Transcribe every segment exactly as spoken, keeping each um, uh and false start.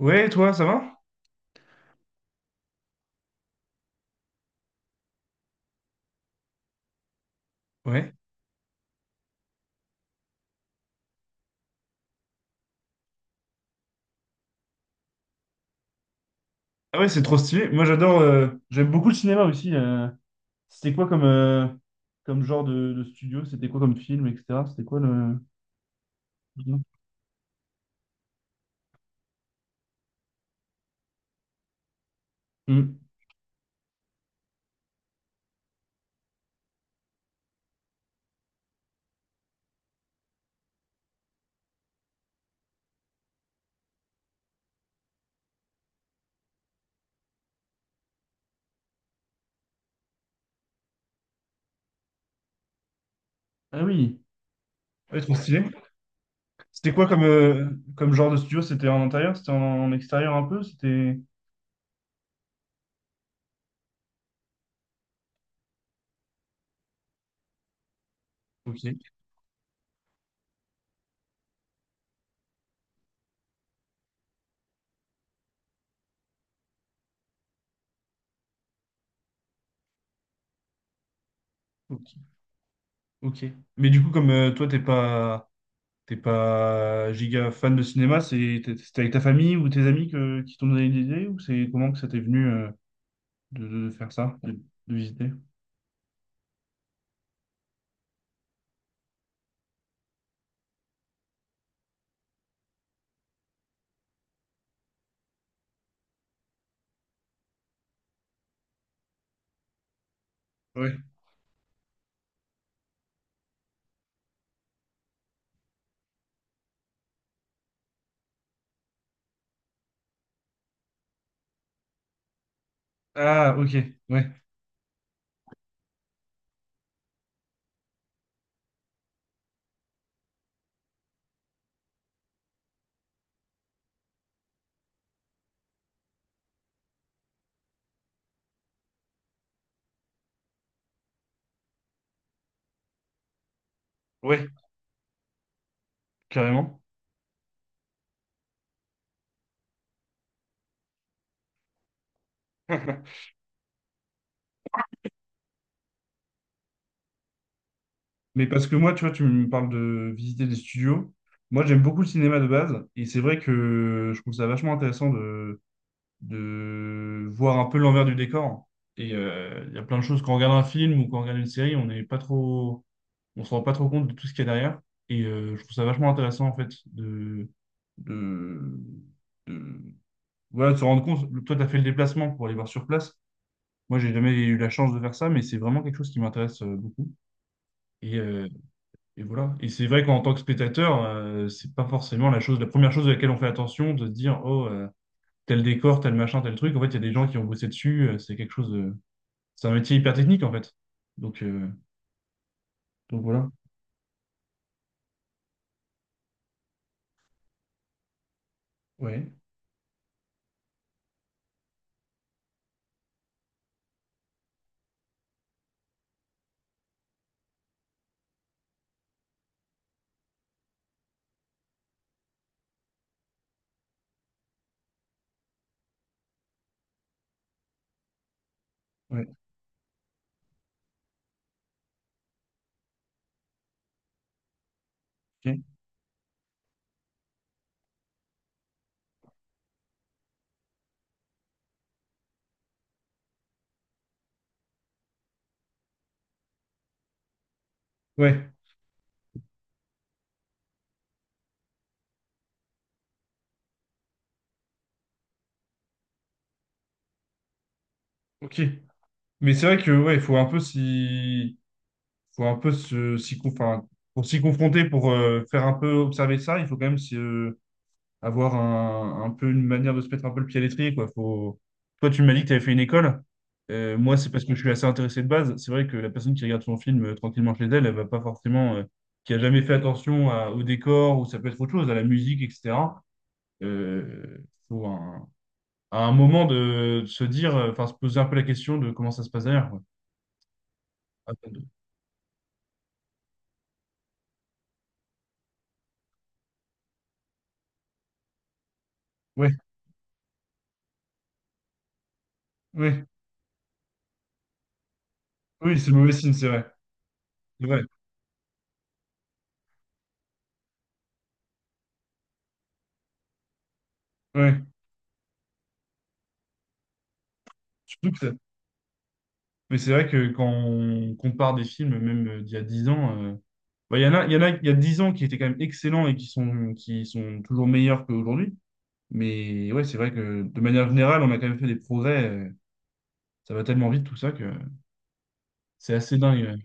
Ouais, toi, ça va? Ouais. Ah ouais, c'est trop stylé. Moi, j'adore. euh, j'aime beaucoup le cinéma aussi. euh. C'était quoi comme, euh, comme genre de, de studio? C'était quoi comme film, et cetera. C'était quoi le. Hum. Ah oui. Ouais, trop stylé. C'était quoi comme, euh, comme genre de studio? C'était en intérieur? C'était en, en extérieur un peu? C'était. Ok. Ok. Ok. Mais du coup, comme euh, toi, t'es pas. T'es pas giga fan de cinéma, c'est- t'es- c'était avec ta famille ou tes amis que, qui t'ont donné l'idée ou c'est comment que ça t'est venu euh? de, de faire ça, de, de visiter. Ouais. Ah, ok. Ouais. Ouais, carrément. Mais parce que moi, tu vois, tu me parles de visiter des studios. Moi, j'aime beaucoup le cinéma de base. Et c'est vrai que je trouve ça vachement intéressant de, de voir un peu l'envers du décor. Et euh, il y a plein de choses. Quand on regarde un film ou quand on regarde une série, on n'est pas trop, on se rend pas trop compte de tout ce qu'il y a derrière. Et euh, je trouve ça vachement intéressant, en fait, de, de, de- voilà, de se rendre compte. Toi, tu as fait le déplacement pour aller voir sur place. Moi, j'ai jamais eu la chance de faire ça, mais c'est vraiment quelque chose qui m'intéresse euh, beaucoup. Et, euh, et voilà. Et c'est vrai qu'en tant que spectateur, euh, c'est pas forcément la chose, la première chose à laquelle on fait attention, de se dire, oh, euh, tel décor, tel machin, tel truc. En fait, il y a des gens qui ont bossé dessus. euh, c'est quelque chose de... C'est un métier hyper technique, en fait. Donc, euh, donc voilà. Ouais. Ouais. Ok. Ouais. Ok. Mais c'est vrai que, ouais, il faut un peu s'y... faut un peu se, s'y, con- enfin, pour s'y confronter, pour euh, faire un peu observer ça, il faut quand même se avoir un, un peu une manière de se mettre un peu le pied à l'étrier, quoi. Faut... Toi, tu m'as dit que tu avais fait une école. Euh, moi, c'est parce que je suis assez intéressé de base. C'est vrai que la personne qui regarde son film euh, tranquillement chez elle, elle va pas forcément, euh, qui a jamais fait attention à- au décor ou ça peut être autre chose, à la musique, et cetera. Euh, faut un, à un moment de, de se dire, euh, enfin, se poser un peu la question de comment ça se passe derrière, quoi. Après, de- Ouais, ouais, oui, c'est mauvais signe, c'est vrai. C'est vrai. Ouais. Mais c'est vrai que quand on compare des films, même euh, d'il y a dix ans, euh, bah, il y en a, il y en a, il y a dix ans qui étaient quand même excellents et qui sont, qui sont toujours meilleurs qu'aujourd'hui. Mais ouais, c'est vrai que de manière générale, on a quand même fait des progrès. euh, ça va tellement vite tout ça que c'est assez dingue.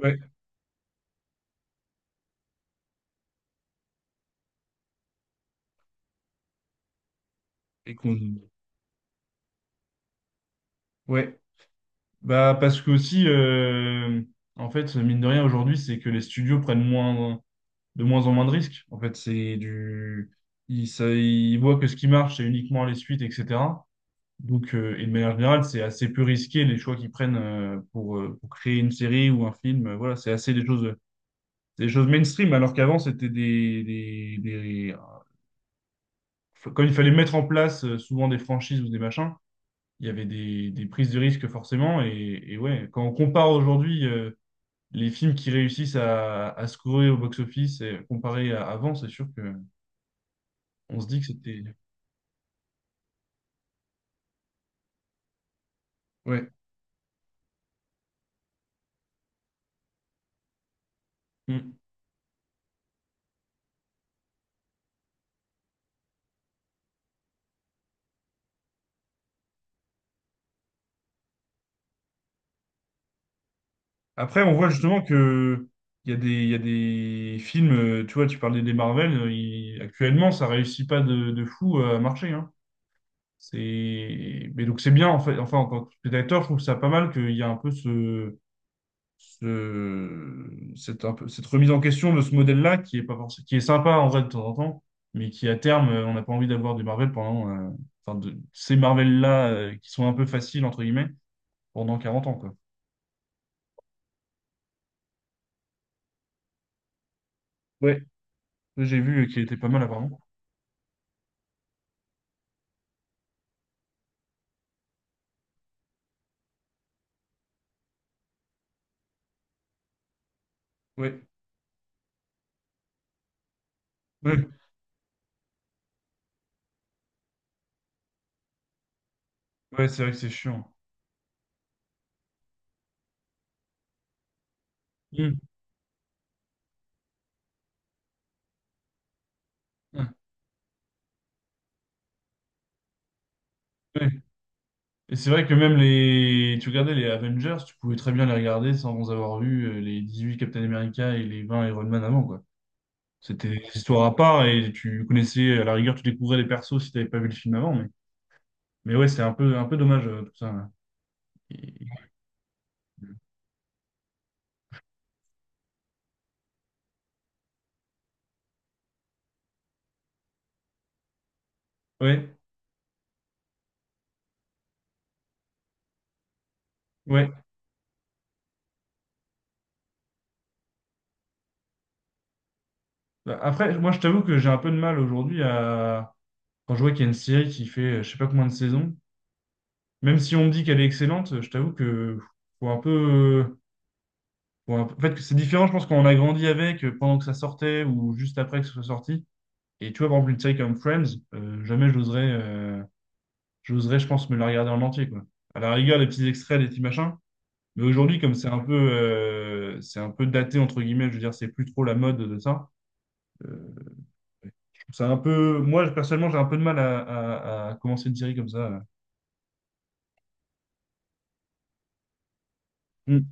Ouais. Ouais. Et qu'on... Ouais. Bah, parce que aussi, euh, en fait, mine de rien, aujourd'hui, c'est que les studios prennent moins, de moins en moins de risques. En fait, c'est du... Ils, ça- ils voient que ce qui marche, c'est uniquement les suites, et cetera. Donc, euh, et de manière générale, c'est assez peu risqué les choix qu'ils prennent euh, pour, euh, pour créer une série ou un film. Euh, voilà, c'est assez des choses, c'est des choses mainstream, alors qu'avant, c'était des, des, des- quand il fallait mettre en place euh, souvent des franchises ou des machins, il y avait des, des prises de risques forcément. Et, et ouais, quand on compare aujourd'hui euh, les films qui réussissent à, à scorer au box-office et comparé à avant, c'est sûr que on se dit que c'était... Ouais. Mm. Après, on voit justement que il y a des, il y a des films, euh, tu vois, tu parlais des Marvel, euh, il- actuellement, ça réussit pas de, de fou euh, à marcher, hein. C'est, mais donc c'est bien, en fait, enfin, en tant que spectateur, je trouve ça pas mal qu'il y a un peu ce, ce- cette, un peu, cette remise en question de ce modèle-là qui est pas forcément, qui est sympa en vrai de temps en temps, mais qui à terme, euh, on n'a pas envie d'avoir des Marvel pendant, euh, enfin, de, ces Marvel-là, euh, qui sont un peu faciles, entre guillemets, pendant quarante ans, quoi. Ouais, ça, j'ai vu qu'il était pas mal apparemment. Ouais. Ouais, ouais, c'est vrai que c'est chiant. Mm. Ah, ouais. Et c'est vrai que même les. Tu regardais les Avengers, tu pouvais très bien les regarder sans avoir vu euh, les dix-huit Captain America et les vingt Iron Man avant, quoi. C'était des histoires à part et tu connaissais, à la rigueur, tu découvrais les persos si t'avais pas vu le film avant, mais, mais ouais, c'est un peu, un peu dommage euh, tout ça, là. Et- Ouais, ouais. Bah, après, moi, je t'avoue que j'ai un peu de mal aujourd'hui à. Quand je vois qu'il y a une série qui fait euh, je sais pas combien de saisons, même si on me dit qu'elle est excellente, je t'avoue que faut un peu. Ou un- En fait, que c'est différent, je pense, quand on a grandi avec, euh, pendant que ça sortait ou juste après que ce soit sorti. Et tu vois, par exemple, une série comme Friends, euh, jamais j'oserais, euh, j'oserais, je pense, me la regarder en entier, quoi. À la rigueur, les petits extraits, les petits machins. Mais aujourd'hui, comme c'est un peu, euh, c'est un peu daté, entre guillemets, je veux dire, c'est plus trop la mode de ça. Euh, je trouve ça un peu, moi, personnellement, j'ai un peu de mal à, à- à commencer une série comme ça. Mm.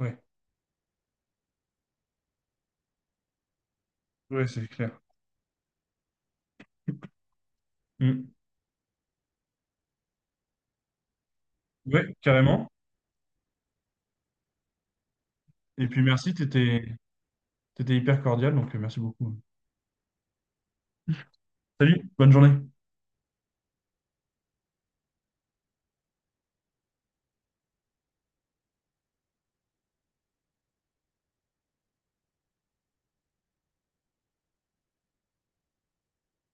Ouais, ouais, c'est clair. Mm. Ouais, carrément. Et puis merci, t'étais, t'étais hyper cordial, donc euh, merci beaucoup. Salut, bonne journée.